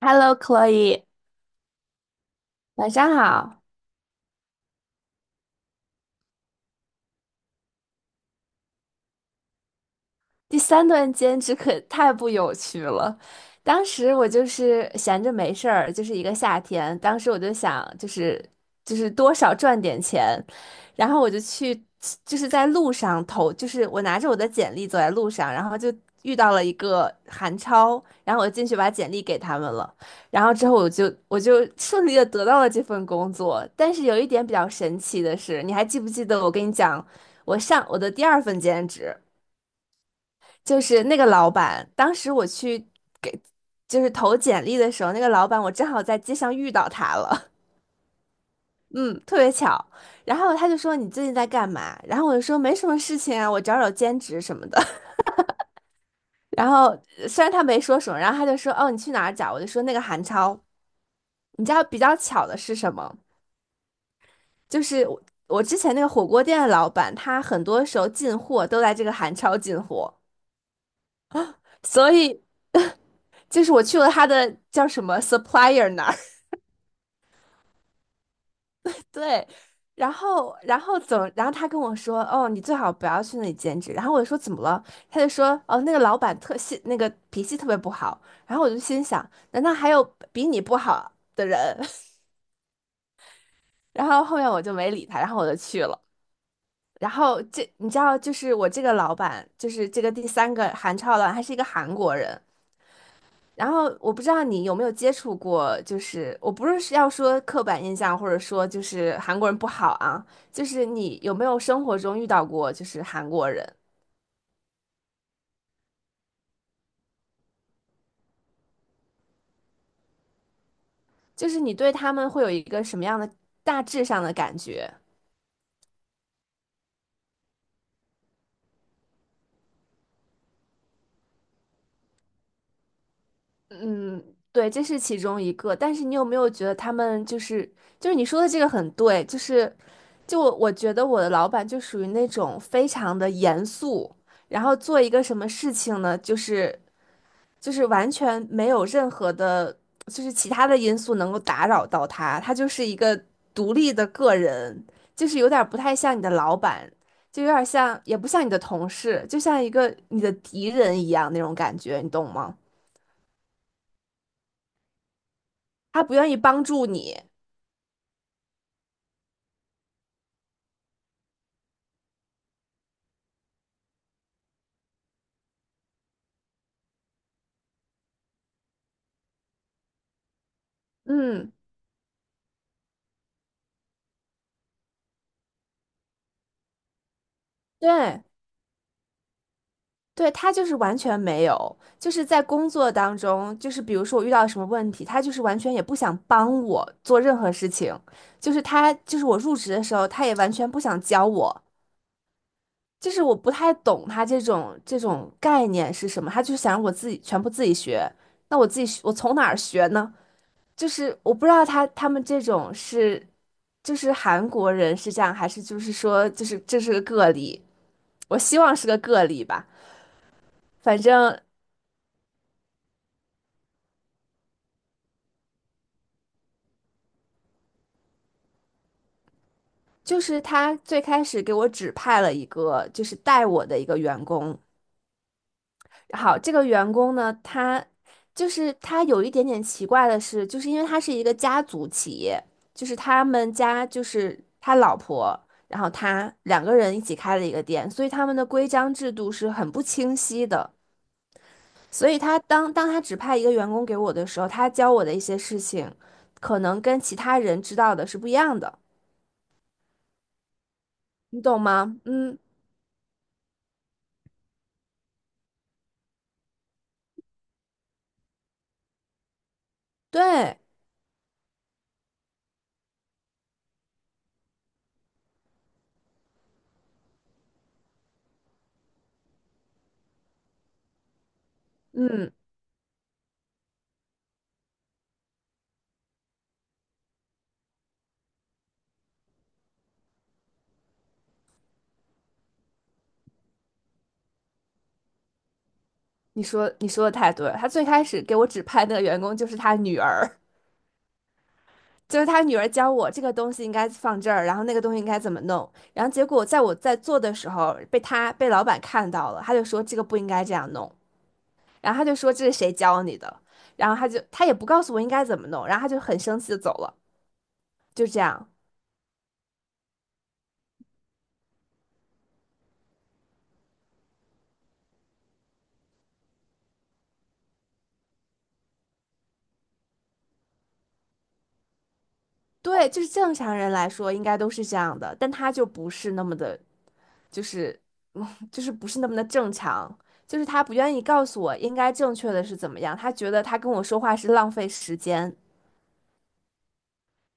Hello, Chloe，晚上好。第三段兼职可太不有趣了。当时我就是闲着没事儿，就是一个夏天，当时我就想，就是多少赚点钱，然后我就去，就是在路上投，就是我拿着我的简历走在路上，然后就遇到了一个韩超，然后我进去把简历给他们了，然后之后我就顺利的得到了这份工作。但是有一点比较神奇的是，你还记不记得我跟你讲，我上我的第二份兼职？就是那个老板，当时我去给就是投简历的时候，那个老板我正好在街上遇到他了，嗯，特别巧。然后他就说你最近在干嘛？然后我就说没什么事情啊，我找找兼职什么的。然后虽然他没说什么，然后他就说哦你去哪儿找？我就说那个韩超。你知道比较巧的是什么？就是我之前那个火锅店的老板，他很多时候进货都在这个韩超进货，所以就是我去了他的叫什么 supplier 那。对，然后怎么？然后他跟我说，哦，你最好不要去那里兼职。然后我就说怎么了？他就说，哦，那个老板特性，那个脾气特别不好。然后我就心想，难道还有比你不好的人？然后后面我就没理他，然后我就去了。然后这你知道，就是我这个老板，就是这个第三个韩超老板，他是一个韩国人。然后我不知道你有没有接触过，就是我不是要说刻板印象，或者说就是韩国人不好啊，就是你有没有生活中遇到过就是韩国人，就是你对他们会有一个什么样的大致上的感觉？嗯，对，这是其中一个。但是你有没有觉得他们就是就是你说的这个很对，就是就我觉得我的老板就属于那种非常的严肃。然后做一个什么事情呢？就是完全没有任何的，就是其他的因素能够打扰到他，他就是一个独立的个人，就是有点儿不太像你的老板，就有点儿像，也不像你的同事，就像一个你的敌人一样那种感觉，你懂吗？他不愿意帮助你，嗯，对。对，他就是完全没有，就是在工作当中，就是比如说我遇到什么问题，他就是完全也不想帮我做任何事情，就是他，就是我入职的时候，他也完全不想教我，就是我不太懂他这种概念是什么，他就是想让我自己全部自己学，那我自己学我从哪儿学呢？就是我不知道他们这种是就是韩国人是这样，还是就是说就是这是个个例，我希望是个个例吧。反正就是他最开始给我指派了一个就是带我的一个员工，好，这个员工呢，他就是他有一点点奇怪的是，就是因为他是一个家族企业，就是他们家就是他老婆，然后他两个人一起开了一个店，所以他们的规章制度是很不清晰的。所以当他指派一个员工给我的时候，他教我的一些事情，可能跟其他人知道的是不一样的，你懂吗？嗯，对，嗯，你说的太对了，他最开始给我指派那个员工就是他女儿。就是他女儿教我这个东西应该放这儿，然后那个东西应该怎么弄，然后结果在我在做的时候被老板看到了，他就说这个不应该这样弄，然后他就说这是谁教你的，然后他也不告诉我应该怎么弄，然后他就很生气的走了，就这样。对，就是正常人来说应该都是这样的，但他就不是那么的，就是嗯 就是不是那么的正常，就是他不愿意告诉我应该正确的是怎么样，他觉得他跟我说话是浪费时间，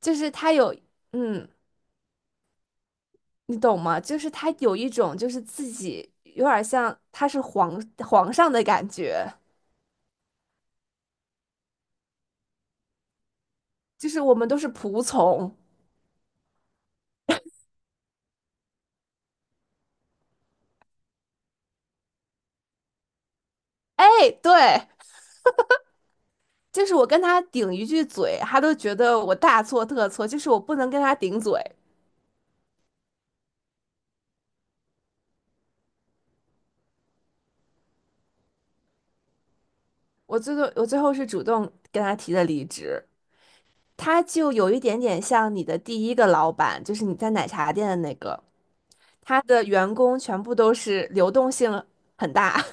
就是他有嗯。你懂吗？就是他有一种就是自己有点像他是皇上的感觉，就是我们都是仆从。哎，对，就是我跟他顶一句嘴，他都觉得我大错特错，就是我不能跟他顶嘴。我最后是主动跟他提的离职，他就有一点点像你的第一个老板，就是你在奶茶店的那个，他的员工全部都是流动性很大。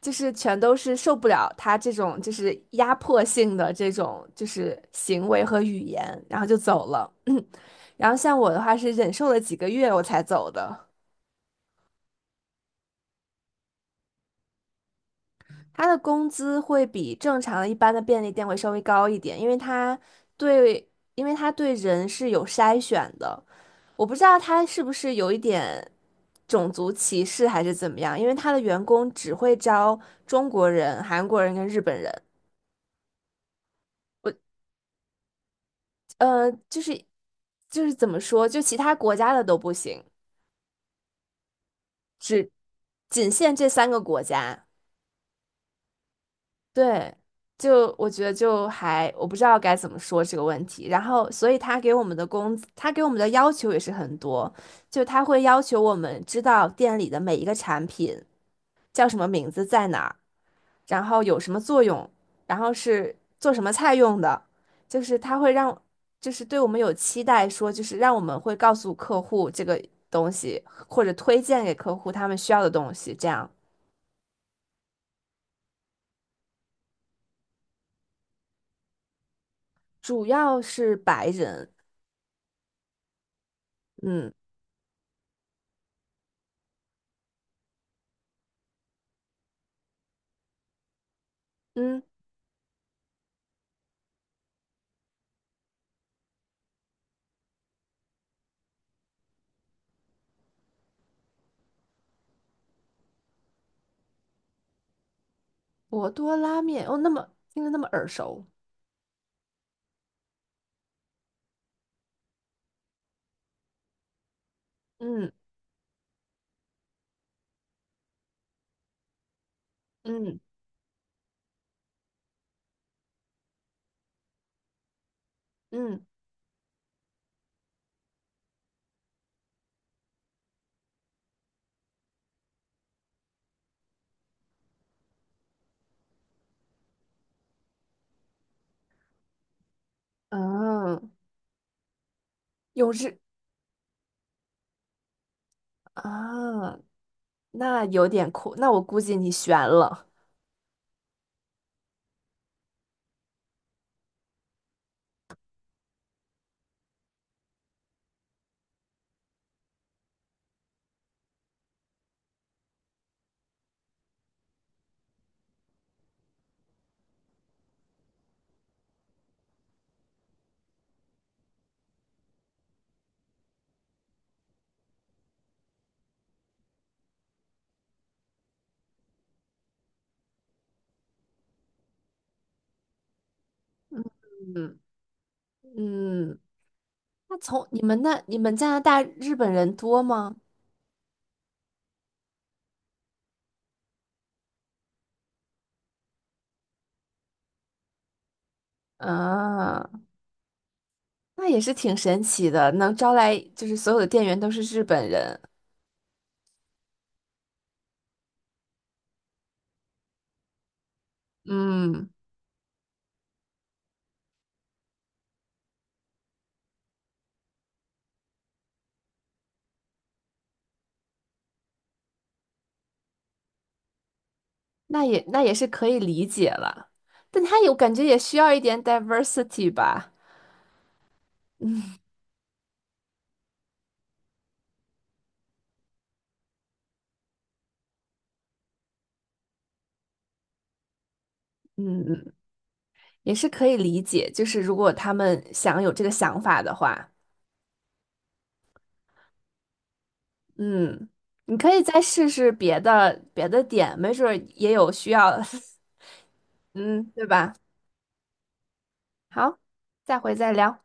就是全都是受不了他这种就是压迫性的这种就是行为和语言，然后就走了。然后像我的话是忍受了几个月我才走的。他的工资会比正常的一般的便利店会稍微高一点，因为他对，因为他对人是有筛选的。我不知道他是不是有一点种族歧视还是怎么样，因为他的员工只会招中国人、韩国人跟日本人。我呃，就是就是怎么说，就其他国家的都不行，只仅限这三个国家。对，就我觉得就还我不知道该怎么说这个问题。然后，所以他给我们的工资，他给我们的要求也是很多，就他会要求我们知道店里的每一个产品叫什么名字在哪儿。然后有什么作用，然后是做什么菜用的，就是它会让，就是对我们有期待，说就是让我们会告诉客户这个东西，或者推荐给客户他们需要的东西，这样主要是白人，嗯。嗯，博多拉面哦，那么听着那么耳熟，嗯。嗯。嗯。嗯，有日啊，那有点酷，那我估计你悬了，嗯。嗯。那从你们那你们加拿大日本人多吗？啊，那也是挺神奇的，能招来就是所有的店员都是日本人，嗯，那也是可以理解了，但他有感觉也需要一点 diversity 吧，嗯，也是可以理解，就是如果他们想有这个想法的话，嗯，你可以再试试别的点，没准儿也有需要，嗯，对吧？好，下回再聊。